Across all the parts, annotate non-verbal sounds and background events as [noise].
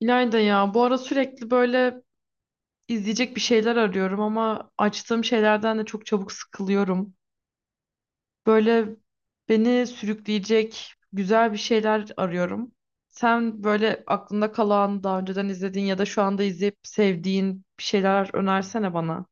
İlayda ya, bu ara sürekli böyle izleyecek bir şeyler arıyorum ama açtığım şeylerden de çok çabuk sıkılıyorum. Böyle beni sürükleyecek güzel bir şeyler arıyorum. Sen böyle aklında kalan, daha önceden izlediğin ya da şu anda izleyip sevdiğin bir şeyler önersene bana.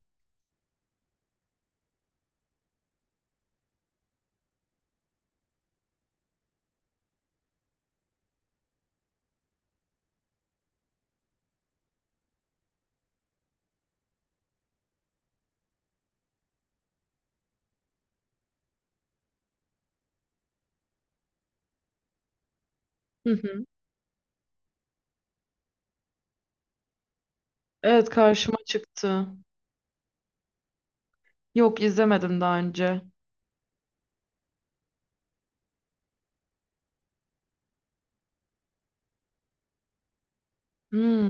Hı hı. Evet, karşıma çıktı. Yok, izlemedim daha önce. Hmm.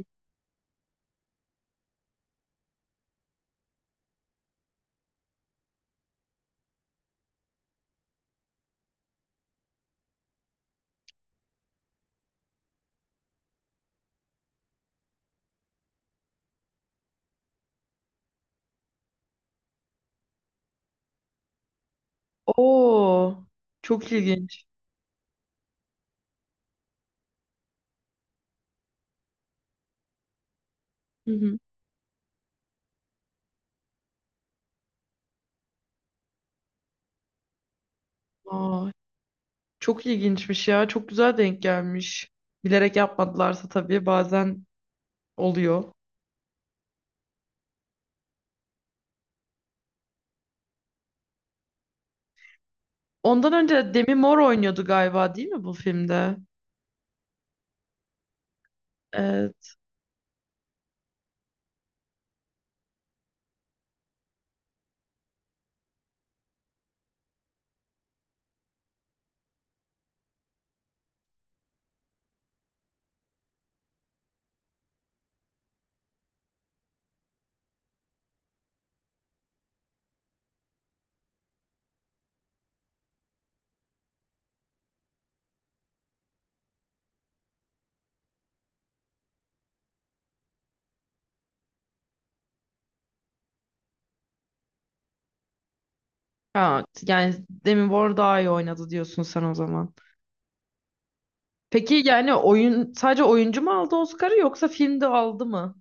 Oo, çok ilginç. Hı hı. Aa. Çok ilginçmiş ya. Çok güzel denk gelmiş. Bilerek yapmadılarsa tabii, bazen oluyor. Ondan önce Demi Moore oynuyordu galiba değil mi bu filmde? Evet. Ha, yani Demi Moore daha iyi oynadı diyorsun sen o zaman. Peki yani oyun sadece oyuncu mu aldı Oscar'ı yoksa filmde aldı mı?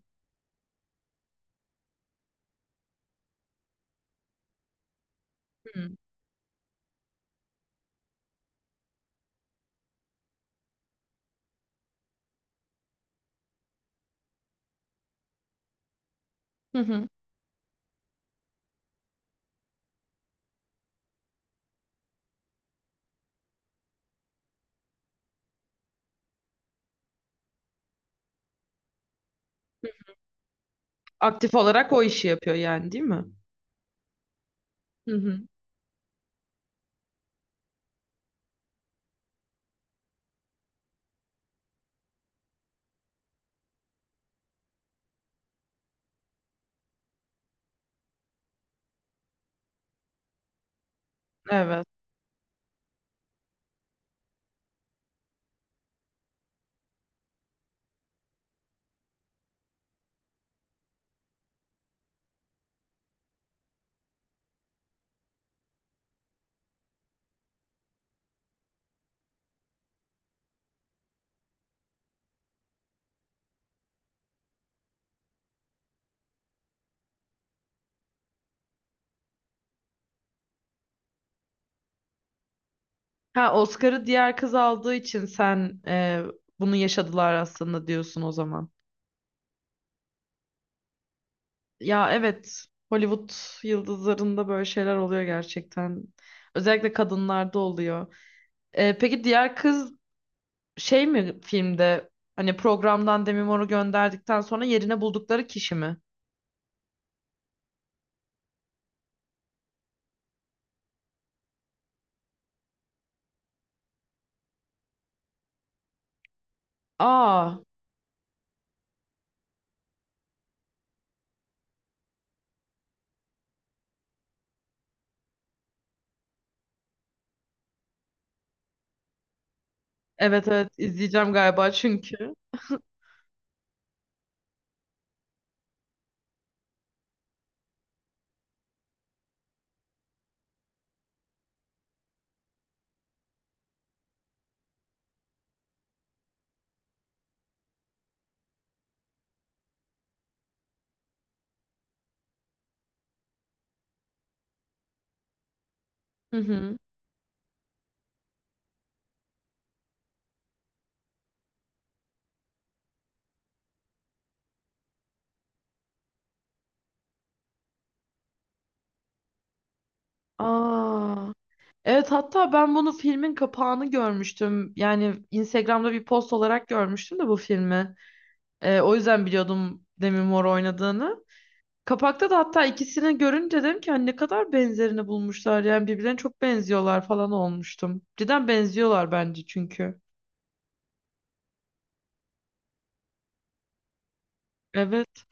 Hı. Hı hı. Aktif olarak o işi yapıyor yani değil mi? Hı hı. Evet. Ha, Oscar'ı diğer kız aldığı için sen bunu yaşadılar aslında diyorsun o zaman. Ya evet, Hollywood yıldızlarında böyle şeyler oluyor gerçekten. Özellikle kadınlarda oluyor. Peki diğer kız şey mi filmde, hani programdan Demi Moore'u gönderdikten sonra yerine buldukları kişi mi? Aa, evet evet, izleyeceğim galiba çünkü. Hı hı. Aa, evet, hatta ben bunu filmin kapağını görmüştüm. Yani Instagram'da bir post olarak görmüştüm de bu filmi. O yüzden biliyordum Demi Moore oynadığını. Kapakta da hatta ikisini görünce dedim ki hani ne kadar benzerini bulmuşlar, yani birbirlerine çok benziyorlar falan olmuştum. Cidden benziyorlar bence çünkü. Evet.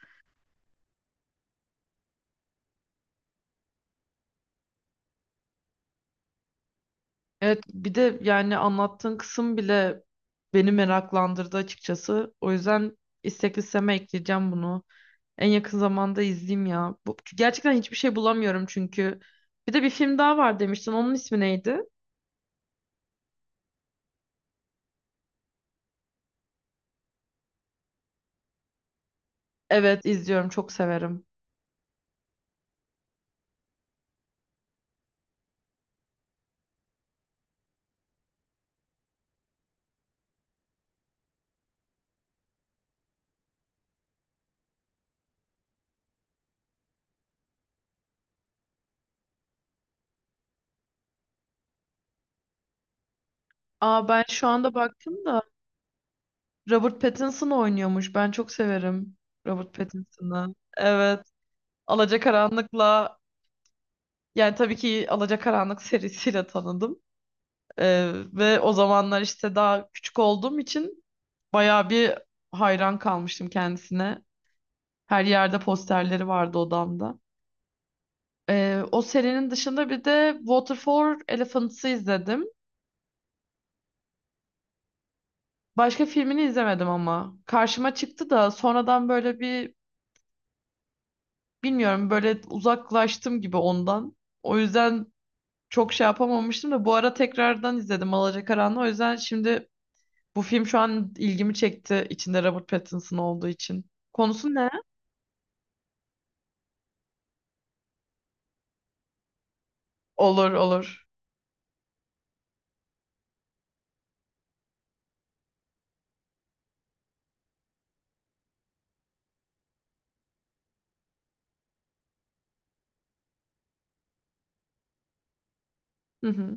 Evet, bir de yani anlattığın kısım bile beni meraklandırdı açıkçası. O yüzden istek listeme ekleyeceğim bunu. En yakın zamanda izleyeyim ya. Bu, gerçekten hiçbir şey bulamıyorum çünkü. Bir de bir film daha var demiştin. Onun ismi neydi? Evet, izliyorum, çok severim. Aa, ben şu anda baktım da Robert Pattinson oynuyormuş. Ben çok severim Robert Pattinson'ı. Evet. Alacakaranlık'la, yani tabii ki Alacakaranlık serisiyle tanıdım. Ve o zamanlar işte daha küçük olduğum için bayağı bir hayran kalmıştım kendisine. Her yerde posterleri vardı odamda. O serinin dışında bir de Water for Elephants'ı izledim. Başka filmini izlemedim ama. Karşıma çıktı da sonradan böyle bir, bilmiyorum, böyle uzaklaştım gibi ondan. O yüzden çok şey yapamamıştım da bu ara tekrardan izledim Alacakaranlığı. O yüzden şimdi bu film şu an ilgimi çekti içinde Robert Pattinson olduğu için. Konusu ne? Olur olur. Hı hı.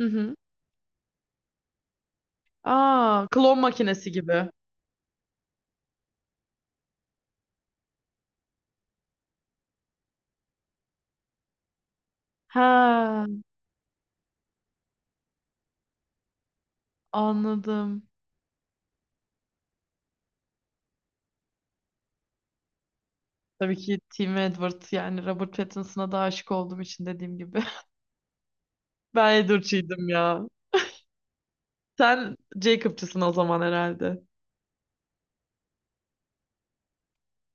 Hı hı. Aa, klon makinesi gibi. Ha, anladım. Tabii ki Tim Edward, yani Robert Pattinson'a da aşık olduğum için dediğim gibi. [laughs] Ben Edward'çıydım ya. Sen Jacob'çısın o zaman herhalde.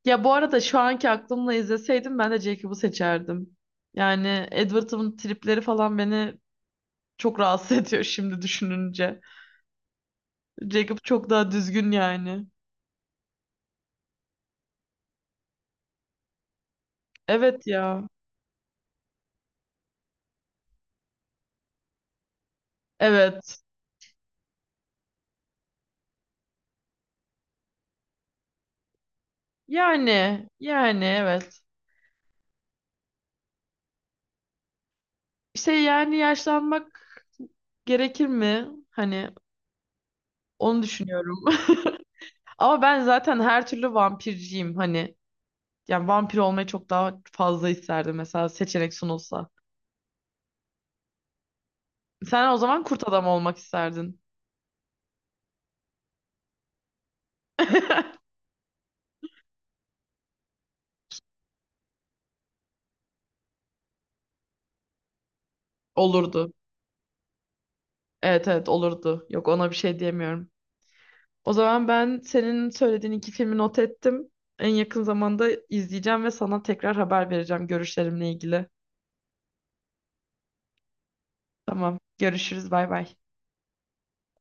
Ya bu arada şu anki aklımla izleseydim ben de Jacob'u seçerdim. Yani Edward'ın tripleri falan beni çok rahatsız [laughs] ediyor şimdi düşününce. Jacob çok daha düzgün yani. Evet ya. Evet. Yani yani evet. İşte yani yaşlanmak gerekir mi? Hani onu düşünüyorum. [laughs] Ama ben zaten her türlü vampirciyim hani. Yani vampir olmayı çok daha fazla isterdim mesela seçenek sunulsa. Sen o zaman kurt adam olmak isterdin. [laughs] Olurdu. Evet evet, olurdu. Yok, ona bir şey diyemiyorum. O zaman ben senin söylediğin iki filmi not ettim. En yakın zamanda izleyeceğim ve sana tekrar haber vereceğim görüşlerimle ilgili. Tamam. Görüşürüz. Bay bay.